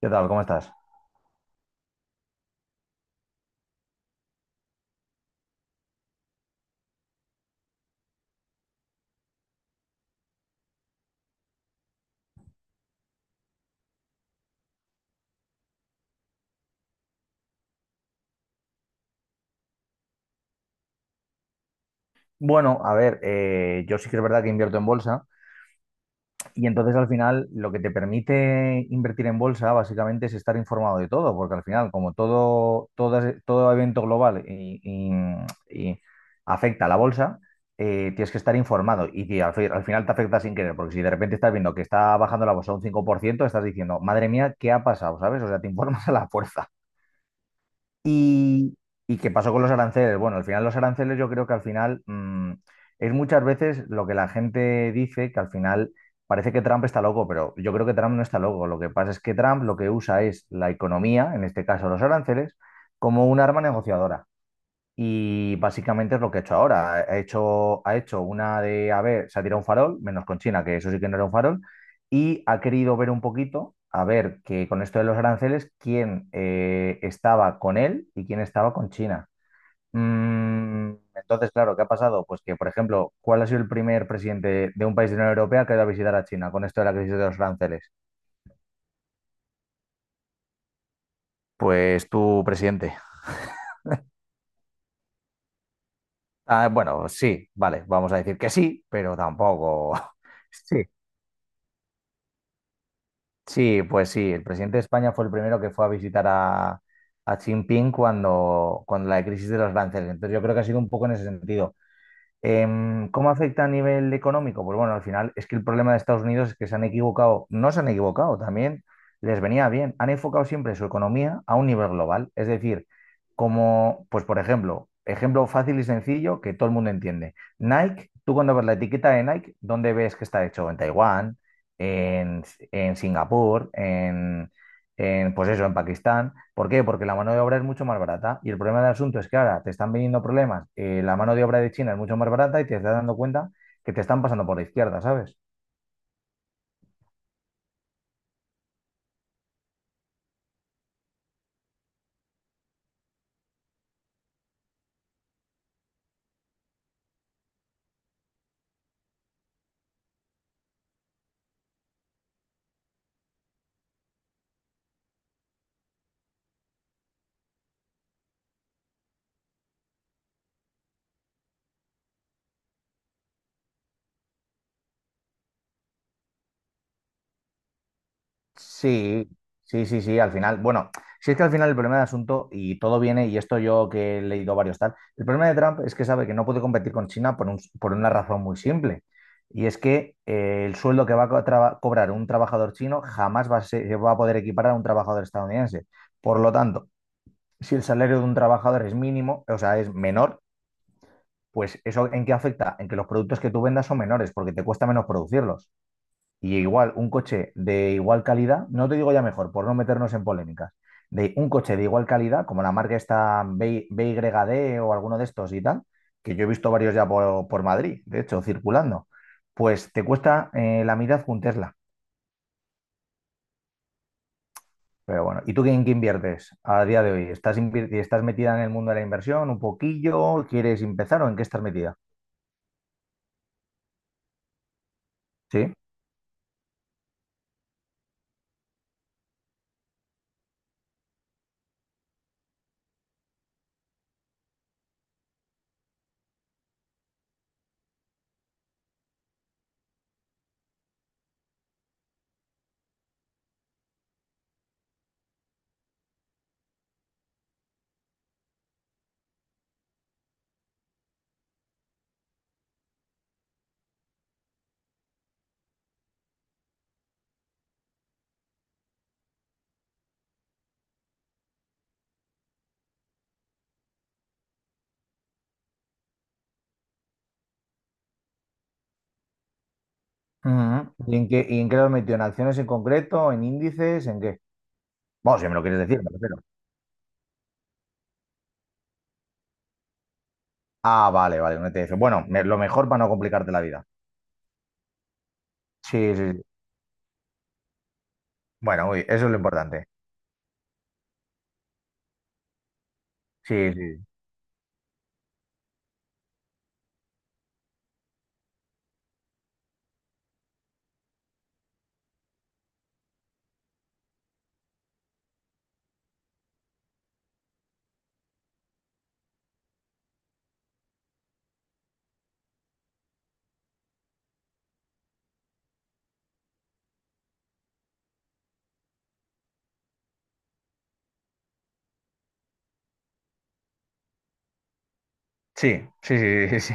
¿Qué tal? ¿Cómo estás? Bueno, a ver, yo sí que es verdad que invierto en bolsa y entonces al final lo que te permite invertir en bolsa básicamente es estar informado de todo, porque al final como todo, todo evento global y afecta a la bolsa, tienes que estar informado y que al final te afecta sin querer, porque si de repente estás viendo que está bajando la bolsa un 5% estás diciendo, madre mía, ¿qué ha pasado? ¿Sabes? O sea, te informas a la fuerza. ¿Y, y qué pasó con los aranceles? Bueno, al final los aranceles yo creo que al final es muchas veces lo que la gente dice, que al final parece que Trump está loco, pero yo creo que Trump no está loco. Lo que pasa es que Trump lo que usa es la economía, en este caso los aranceles, como un arma negociadora. Y básicamente es lo que ha hecho ahora. Ha hecho una de, a ver, se ha tirado un farol, menos con China, que eso sí que no era un farol, y ha querido ver un poquito, a ver, que con esto de los aranceles, quién estaba con él y quién estaba con China. Entonces, claro, ¿qué ha pasado? Pues que, por ejemplo, ¿cuál ha sido el primer presidente de un país de la Unión Europea que ha ido a visitar a China con esto de la crisis de los aranceles? Pues tu presidente. Ah, bueno, sí, vale, vamos a decir que sí, pero tampoco. Sí. Sí, pues sí, el presidente de España fue el primero que fue a visitar a Xi Jinping cuando, cuando la crisis de los aranceles. Entonces yo creo que ha sido un poco en ese sentido. ¿Cómo afecta a nivel económico? Pues bueno, al final es que el problema de Estados Unidos es que se han equivocado, no se han equivocado, también les venía bien, han enfocado siempre su economía a un nivel global, es decir, como, pues por ejemplo, ejemplo fácil y sencillo que todo el mundo entiende. Nike, tú cuando ves la etiqueta de Nike, ¿dónde ves que está hecho? En Taiwán, en, en Singapur, en, pues eso, en Pakistán. ¿Por qué? Porque la mano de obra es mucho más barata. Y el problema del asunto es que ahora te están viniendo problemas, la mano de obra de China es mucho más barata y te estás dando cuenta que te están pasando por la izquierda, ¿sabes? Sí, sí, sí, sí, al final, bueno, si es que al final el problema del asunto, y todo viene, y esto yo que he leído varios tal, el problema de Trump es que sabe que no puede competir con China por, por una razón muy simple. Y es que el sueldo que va a cobrar un trabajador chino jamás va a, va a poder equiparar a un trabajador estadounidense. Por lo tanto, si el salario de un trabajador es mínimo, o sea, es menor, pues eso ¿en qué afecta? En que los productos que tú vendas son menores porque te cuesta menos producirlos. Y igual, un coche de igual calidad, no te digo ya mejor, por no meternos en polémicas, de un coche de igual calidad, como la marca esta BYD o alguno de estos y tal, que yo he visto varios ya por Madrid, de hecho, circulando, pues te cuesta la mitad que un Tesla. Pero bueno, ¿y tú en qué inviertes a día de hoy? ¿Estás, estás metida en el mundo de la inversión un poquillo? ¿Quieres empezar o en qué estás metida? ¿Sí? Ujú. Y en qué lo has metido? ¿En acciones en concreto? ¿En índices? ¿En qué? Vamos, si me lo quieres decir, me refiero. Ah, vale, vale, un ETF. Bueno, lo mejor para no complicarte la vida. Sí, sí, sí. Bueno, eso es lo importante. Sí, sí. Sí, sí, sí, sí, sí.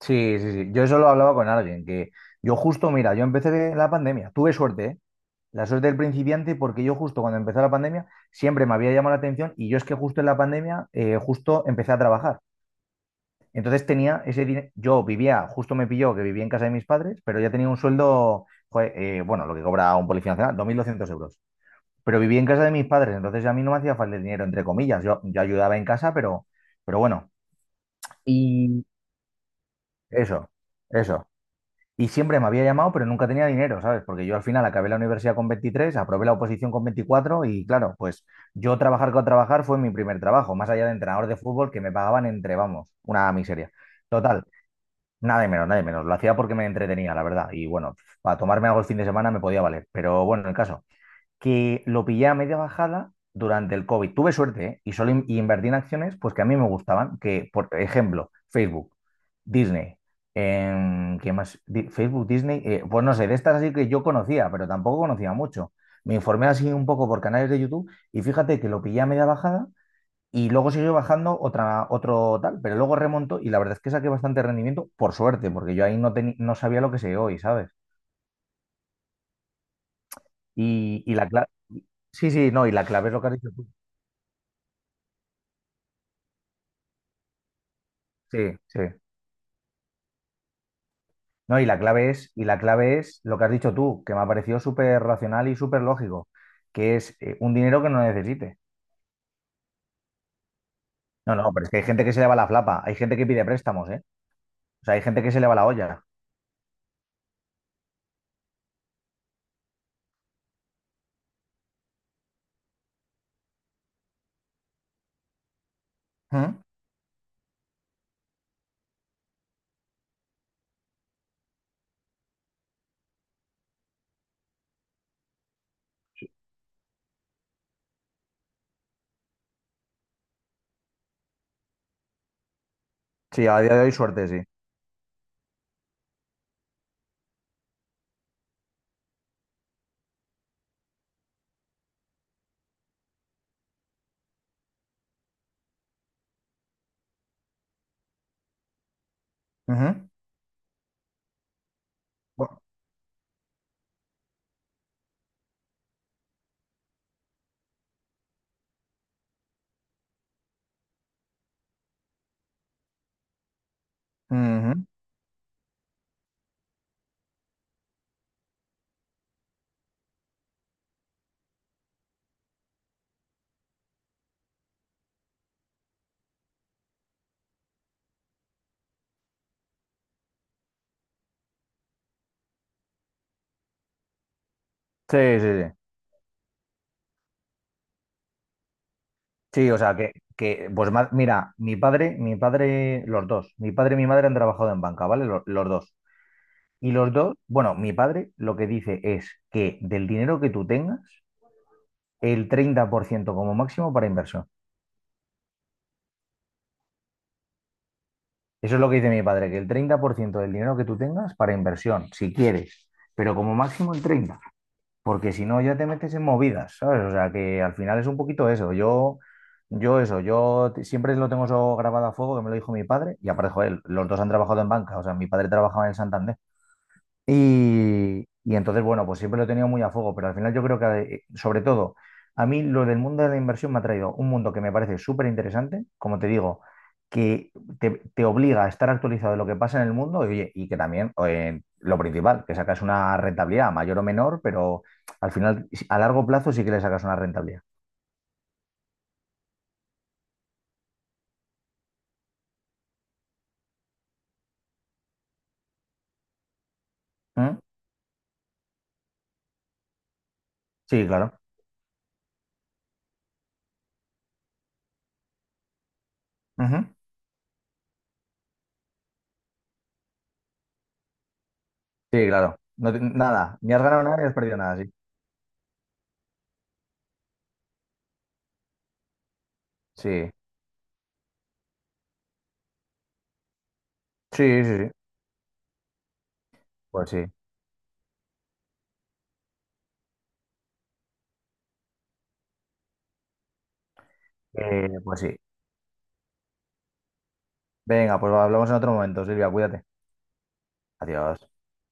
Sí, sí, sí. Yo eso lo hablaba con alguien, que yo justo, mira, yo empecé en la pandemia, tuve suerte, ¿eh? La suerte del principiante, porque yo justo cuando empezó la pandemia siempre me había llamado la atención y yo es que justo en la pandemia justo empecé a trabajar. Entonces tenía ese dinero, yo vivía, justo me pilló que vivía en casa de mis padres, pero ya tenía un sueldo, joder, bueno, lo que cobra un policía nacional, 2.200 euros. Pero vivía en casa de mis padres, entonces a mí no me hacía falta el dinero, entre comillas. Yo ayudaba en casa, pero bueno. Y eso, eso. Y siempre me había llamado, pero nunca tenía dinero, ¿sabes? Porque yo al final acabé la universidad con 23, aprobé la oposición con 24 y claro, pues yo trabajar con trabajar fue mi primer trabajo, más allá de entrenador de fútbol que me pagaban entre, vamos, una miseria. Total, nada de menos, nada de menos. Lo hacía porque me entretenía, la verdad. Y bueno, para tomarme algo el fin de semana me podía valer. Pero bueno, el caso, que lo pillé a media bajada durante el COVID. Tuve suerte, ¿eh? Y solo invertí en acciones pues que a mí me gustaban, que por ejemplo, Facebook, Disney, ¿qué más? Facebook, Disney, pues no sé, de estas así que yo conocía, pero tampoco conocía mucho. Me informé así un poco por canales de YouTube y fíjate que lo pillé a media bajada y luego siguió bajando otra, otro tal, pero luego remontó y la verdad es que saqué bastante rendimiento por suerte, porque yo ahí no, no sabía lo que sé hoy, ¿sabes? Y la clave... Sí, sí, no, y la clave es lo que has dicho tú. Sí, sí. No, y la clave es, y la clave es lo que has dicho tú, que me ha parecido súper racional y súper lógico, que es un dinero que no necesite. No, no, pero es que hay gente que se le va la flapa, hay gente que pide préstamos, ¿eh? O sea, hay gente que se le va la olla. Ujú. Sí, a día de hoy suerte, sí. Ujú. Bu- ujú. Sí, sí, sí. Sí, o sea, que, pues mira, mi padre, los dos, mi padre y mi madre han trabajado en banca, ¿vale? Los dos. Y los dos, bueno, mi padre lo que dice es que del dinero que tú tengas, el 30% como máximo para inversión. Eso es lo que dice mi padre, que el 30% del dinero que tú tengas para inversión, si quieres, pero como máximo el 30%, porque si no ya te metes en movidas, ¿sabes? O sea, que al final es un poquito eso. Yo eso, siempre lo tengo eso grabado a fuego, que me lo dijo mi padre, y aparte, joder, los dos han trabajado en banca, o sea, mi padre trabajaba en el Santander. Y entonces, bueno, pues siempre lo he tenido muy a fuego, pero al final yo creo que, sobre todo, a mí lo del mundo de la inversión me ha traído un mundo que me parece súper interesante, como te digo, que te obliga a estar actualizado de lo que pasa en el mundo y, oye, y que también, lo principal, que sacas una rentabilidad mayor o menor, pero al final, si, a largo plazo sí que le sacas una rentabilidad. ¿Mm? Sí, claro. Ujú. Sí, claro. Nada, ni has ganado nada ni has perdido nada, sí. Sí, sí, sí, sí. Pues sí. Pues sí. Venga, pues hablamos en otro momento, Silvia, cuídate. Adiós.